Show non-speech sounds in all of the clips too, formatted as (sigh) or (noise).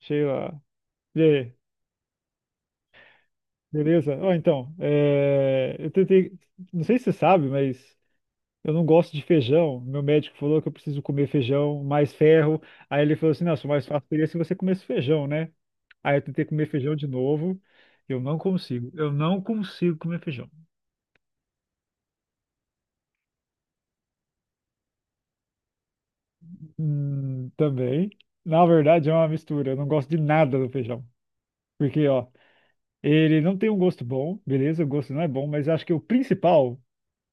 Sheila. E aí, beleza? Ó, então, eu tentei. Não sei se você sabe, mas eu não gosto de feijão. Meu médico falou que eu preciso comer feijão, mais ferro. Aí ele falou assim: não, só mais fácil seria se você comesse feijão, né? Aí eu tentei comer feijão de novo. Eu não consigo. Eu não consigo comer feijão. Também. Na verdade, é uma mistura. Eu não gosto de nada do feijão. Porque, ó, ele não tem um gosto bom, beleza? O gosto não é bom, mas acho que o principal.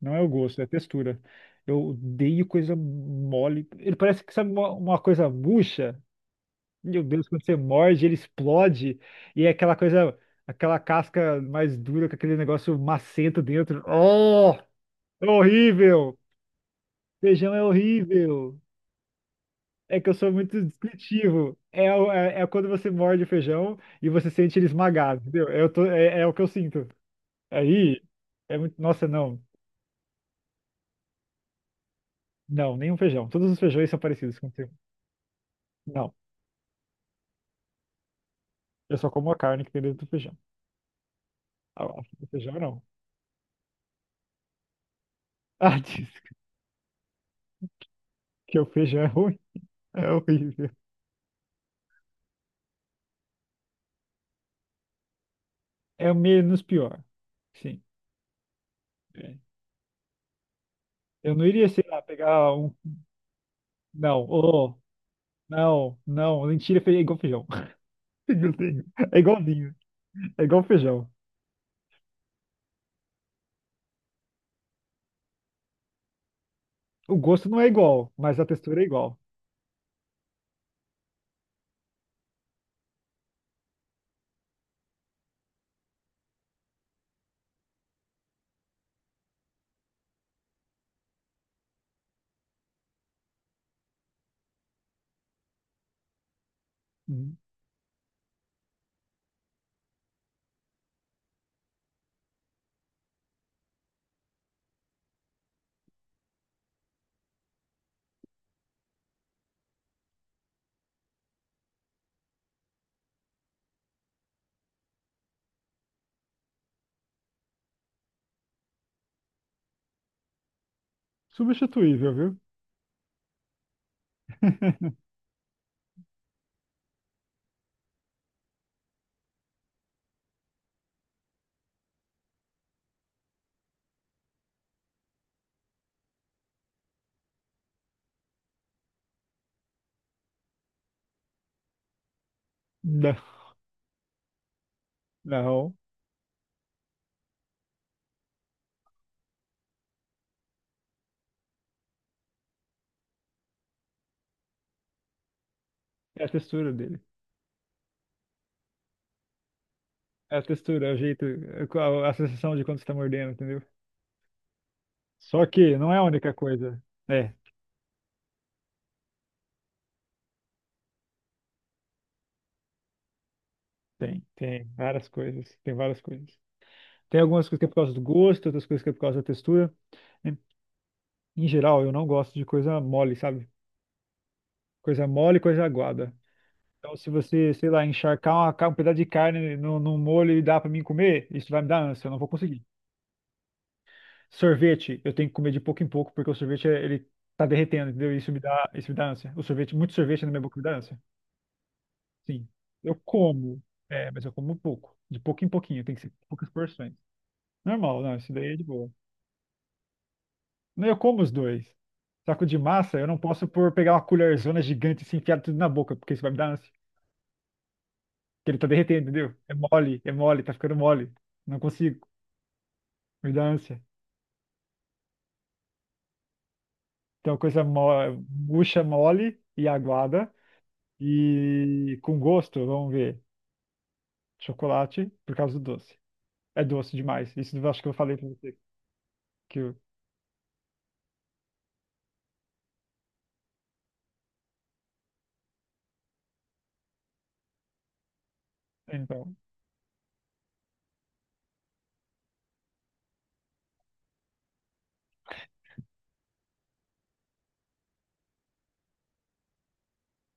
Não é o gosto, é a textura. Eu odeio coisa mole. Ele parece que sabe uma coisa murcha. Meu Deus, quando você morde, ele explode. E é aquela coisa, aquela casca mais dura, com aquele negócio macento dentro. Oh, é horrível! Feijão é horrível. É que eu sou muito descritivo. É quando você morde o feijão e você sente ele esmagado, entendeu? Eu tô, é o que eu sinto. Aí, é muito. Nossa, não. Não, nenhum feijão. Todos os feijões são parecidos com o seu. Não. Eu só como a carne que tem dentro do feijão. Ah, o feijão não. Ah, (laughs) diz que o feijão é ruim. É horrível. É o menos pior. Sim. É. Eu não iria, sei lá, pegar um. Não, oh, não, não. Mentira, é igual feijão. (laughs) Meu Deus. É igualzinho. É igual feijão. O gosto não é igual, mas a textura é igual. Uhum. Substituível, viu? (laughs) Não, não. É a textura dele. É a textura, é o jeito, é a sensação de quando você está mordendo, entendeu? Só que não é a única coisa. É. Tem várias coisas, tem várias coisas. Tem algumas coisas que é por causa do gosto, outras coisas que é por causa da textura. Em em geral, eu não gosto de coisa mole, sabe? Coisa mole, coisa aguada. Então, se você, sei lá, encharcar um pedaço de carne no, num molho e dar pra mim comer, isso vai me dar ânsia, eu não vou conseguir. Sorvete, eu tenho que comer de pouco em pouco, porque o sorvete, ele tá derretendo, entendeu? Isso me dá ânsia. O sorvete, muito sorvete na minha boca me dá ânsia. Sim, eu como, é, mas eu como pouco. De pouco em pouquinho, tem que ser poucas porções. Normal, não, isso daí é de boa. Não, eu como os dois. Só que o de massa, eu não posso por pegar uma colherzona gigante e se enfiar tudo na boca, porque isso vai me dar ânsia. Porque ele tá derretendo, entendeu? É mole, tá ficando mole. Não consigo, me dá ânsia. Então, coisa mo murcha, mole e aguada. E com gosto, vamos ver. Chocolate, por causa do doce. É doce demais. Isso eu acho que eu falei pra você. Que eu, então,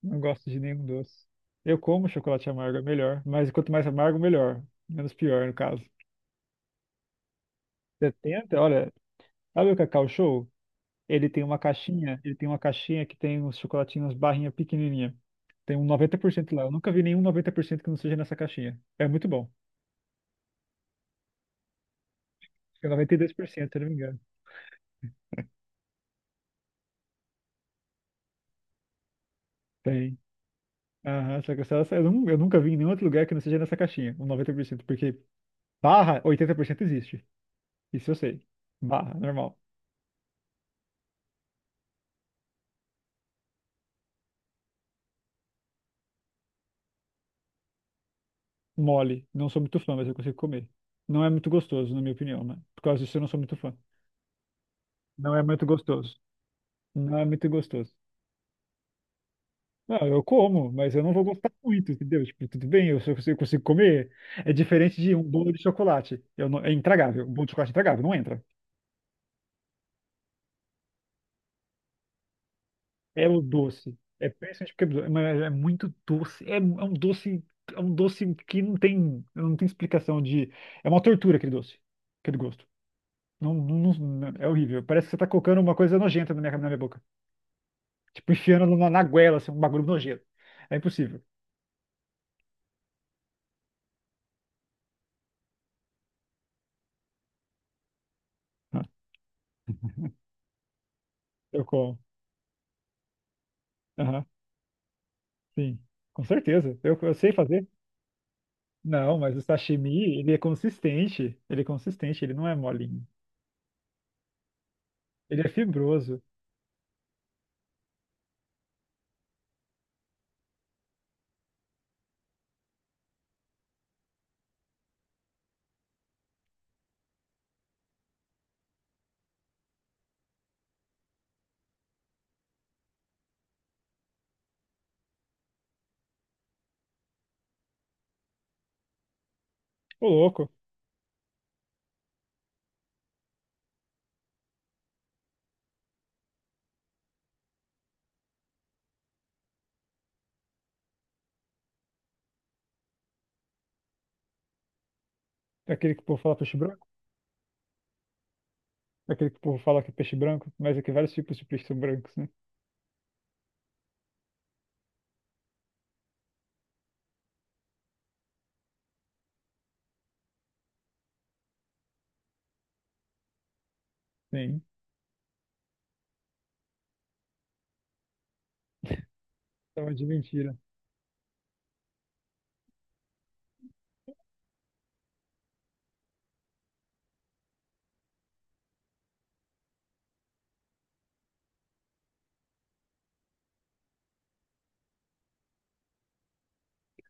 não gosto de nenhum doce. Eu como chocolate amargo, é melhor. Mas quanto mais amargo, melhor. Menos pior, no caso. 70, olha, sabe o Cacau Show? Ele tem uma caixinha, que tem uns chocolatinhos barrinha pequenininha. Tem um 90% lá. Eu nunca vi nenhum 90% que não seja nessa caixinha. É muito bom. Acho que é 92%, se eu não me engano. Tem. Aham, só que eu nunca vi em nenhum outro lugar que não seja nessa caixinha, um 90%, porque barra, 80% existe. Isso eu sei. Barra, normal. Mole, não sou muito fã, mas eu consigo comer. Não é muito gostoso, na minha opinião, né? Por causa disso eu não sou muito fã. Não é muito gostoso. Não é muito gostoso. Não, eu como, mas eu não vou gostar muito, entendeu? Tipo, tudo bem, eu, se eu consigo comer. É diferente de um bolo de chocolate. Eu não, é intragável. Um bolo de chocolate é intragável, não entra. É o doce. É principalmente porque é doce, mas é muito doce. Um doce, é um doce que não tem, não tem explicação de. É uma tortura aquele doce, aquele gosto. É horrível. Parece que você tá colocando uma coisa nojenta na minha boca. Tipo, enfiando na goela, assim, um bagulho nojento. É impossível. Eu como. Aham, sim. Com certeza. Eu sei fazer. Não, mas o sashimi, ele é consistente. Ele é consistente, ele não é molinho. Ele é fibroso. Ô, louco. É aquele que o povo fala peixe branco? É aquele que o povo fala que é peixe branco? Mas é que vários tipos de peixes são brancos, né? Sim. Então é de mentira.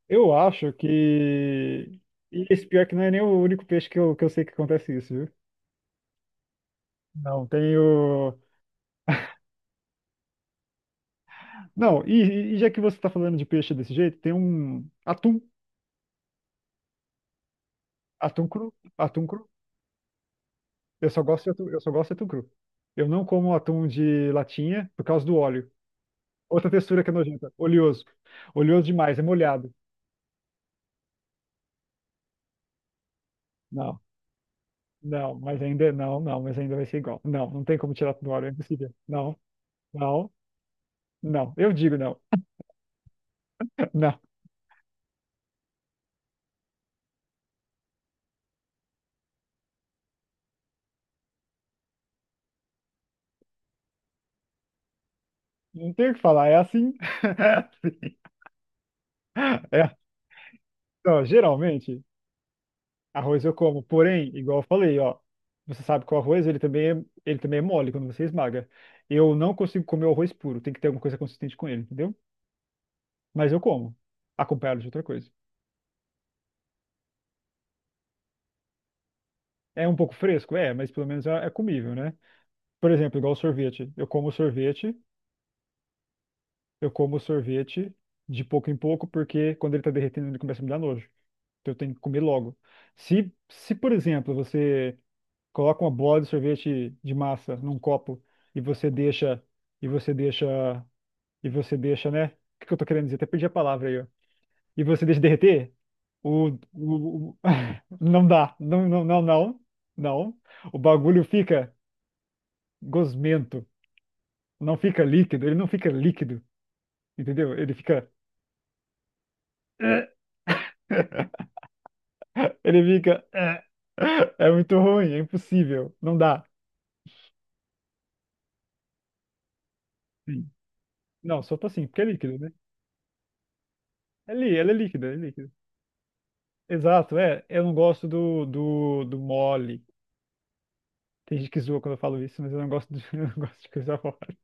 Eu acho que. E esse pior que não é nem o único peixe que eu sei que acontece isso, viu? Não, tem o. Não, já que você tá falando de peixe desse jeito, tem um. Atum. Atum cru. Atum cru. Eu só gosto de atum, eu só gosto de atum cru. Eu não como atum de latinha por causa do óleo. Outra textura que é nojenta. Oleoso. Oleoso demais, é molhado. Não, não, mas ainda não, não, mas ainda vai ser igual. Não, não tem como tirar do óleo, é impossível. Não, não, não. Eu digo não. (laughs) Não, não tem o que falar, é assim. (laughs) É. Então, geralmente, arroz eu como, porém, igual eu falei, ó, você sabe que o arroz, ele também é mole quando você esmaga. Eu não consigo comer o arroz puro, tem que ter alguma coisa consistente com ele, entendeu? Mas eu como, acompanhado de outra coisa. É um pouco fresco? É, mas pelo menos é comível, né? Por exemplo, igual sorvete. Eu como sorvete de pouco em pouco, porque quando ele tá derretendo, ele começa a me dar nojo. Então eu tenho que comer logo. Se, por exemplo, você coloca uma bola de sorvete de massa num copo e você deixa, e você deixa, e você deixa, né? O que que eu tô querendo dizer? Até perdi a palavra aí, ó. E você deixa derreter, o, o, o- (laughs) não dá. Não, não, não, não. Não. O bagulho fica gosmento. Não fica líquido, ele não fica líquido. Entendeu? Ele fica. (laughs) Ele fica. (laughs) É muito ruim, é impossível. Não dá. Sim. Não, só tô assim, porque é líquido, né? É lí, ela é líquida, é líquida. Exato, é. Eu não gosto do mole. Tem gente que zoa quando eu falo isso, mas eu não gosto de, (laughs) eu não gosto de coisa mole.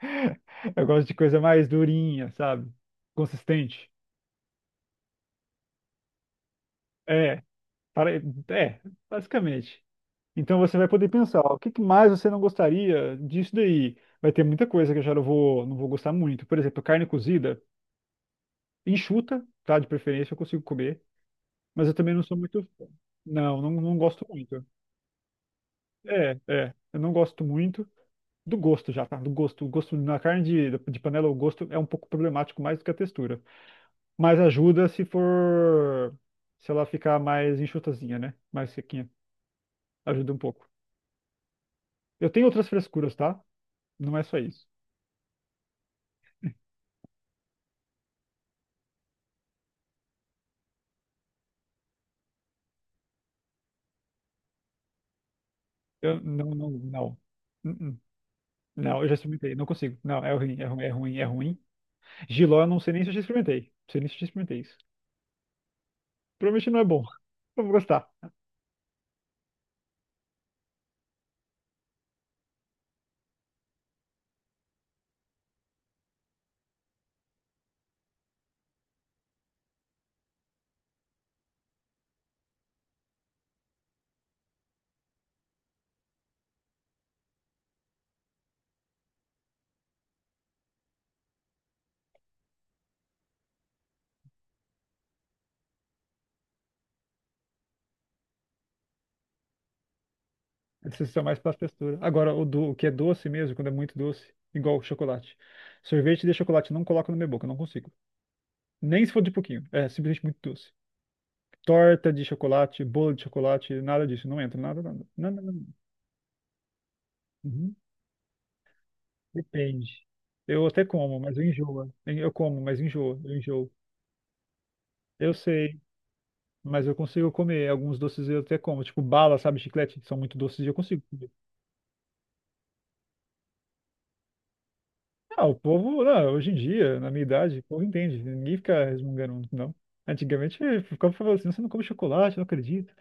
(laughs) Eu gosto de coisa mais durinha, sabe? Consistente. É, para, é, basicamente. Então você vai poder pensar, ó, o que que mais você não gostaria disso daí? Vai ter muita coisa que eu já não vou, não vou gostar muito. Por exemplo, carne cozida, enxuta, tá? De preferência, eu consigo comer. Mas eu também não sou muito. Fã. Não gosto muito. Eu não gosto muito do gosto já, tá? Do gosto. O gosto na carne de panela, o gosto é um pouco problemático mais do que a textura. Mas ajuda se for. Se ela ficar mais enxutazinha, né? Mais sequinha. Ajuda um pouco. Eu tenho outras frescuras, tá? Não é só isso. Eu não, não, não. Hum, hum. Não, eu já experimentei, não consigo. Não, é ruim. Giló, eu não sei nem se eu já experimentei. Não sei nem se eu já experimentei isso. Provavelmente não é bom. Não vou gostar. Precisa ser mais para textura. Agora, o que é doce mesmo, quando é muito doce, igual chocolate. Sorvete de chocolate, não coloco na minha boca, não consigo. Nem se for de pouquinho. É simplesmente muito doce. Torta de chocolate, bolo de chocolate, nada disso. Não entra, nada, nada. Nada. Não, Uhum. Depende. Eu até como, mas eu enjoo. Eu como, mas enjoo. Eu enjoo. Eu sei. Mas eu consigo comer alguns doces, eu até como, tipo bala, sabe, chiclete, que são muito doces, eu consigo comer. Hoje em dia, na minha idade, o povo entende, ninguém fica resmungando, não. Antigamente, ficava falando assim, você não come chocolate, não acredito.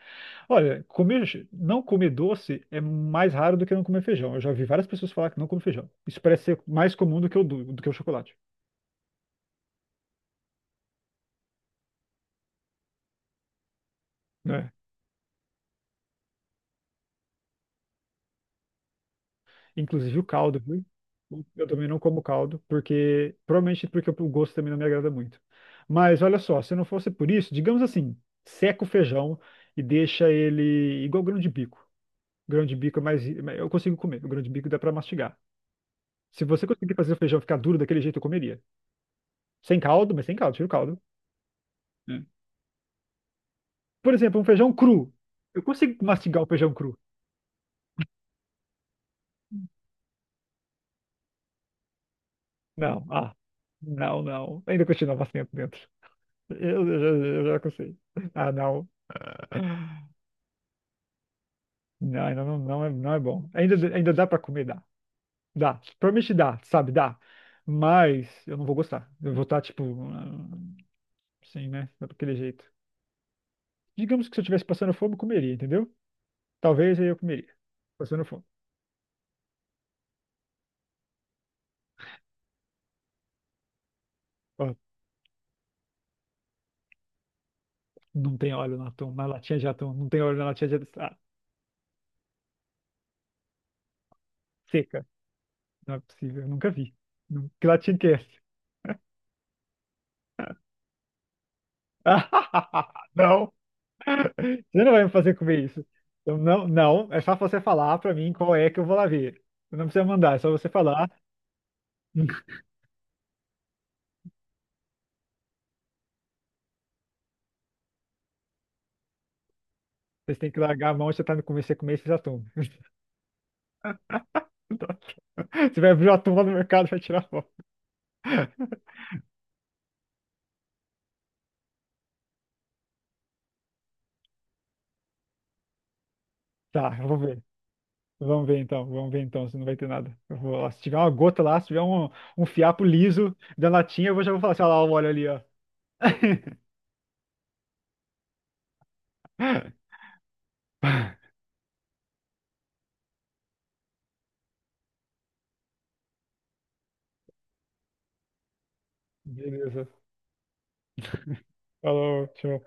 Olha, comer, não comer doce é mais raro do que não comer feijão. Eu já vi várias pessoas falar que não come feijão. Isso parece ser mais comum do que o, do, do que o chocolate, né? Inclusive o caldo, viu? Eu também não como caldo, porque provavelmente porque o gosto também não me agrada muito. Mas olha só, se não fosse por isso, digamos assim, seca o feijão e deixa ele igual grão de bico. Grão de bico é mais, eu consigo comer. O grão de bico dá pra mastigar. Se você conseguir fazer o feijão ficar duro daquele jeito, eu comeria. Sem caldo, mas sem caldo, tira o caldo. Hum. Por exemplo, um feijão cru. Eu consigo mastigar o feijão cru? Não, ah, não. Ainda continua bastante dentro. Eu já cansei. Ah, não. Não, ainda não, não é, não é bom. Ainda, ainda dá pra comer, dá. Dá. Provavelmente dá, sabe? Dá. Mas eu não vou gostar. Eu vou estar, tipo, assim, né? Daquele jeito. Digamos que se eu estivesse passando fome, eu comeria, entendeu? Talvez aí eu comeria. Passando fome. Ó, não tem óleo na, tom, na latinha de atum. Não tem óleo na latinha de atum. Ah, seca. Não é possível. Eu nunca vi. Não- Que latinha que é essa? (laughs) Não. (laughs) Você não vai me fazer comer isso. Então, não, não, é só você falar pra mim qual é que eu vou lá ver. Não precisa mandar, é só você falar. (laughs) Vocês têm que largar a mão se você tá no começo, você comer esses atum. (laughs) Você vai abrir o atum lá no mercado pra tirar foto. Tá, eu vou ver. Vamos ver então, se não vai ter nada. Eu vou lá. Se tiver uma gota lá, se tiver um, um fiapo liso da latinha, eu vou já vou falar assim, olha lá, olha ali, ó. (laughs) Beleza. Falou, tchau.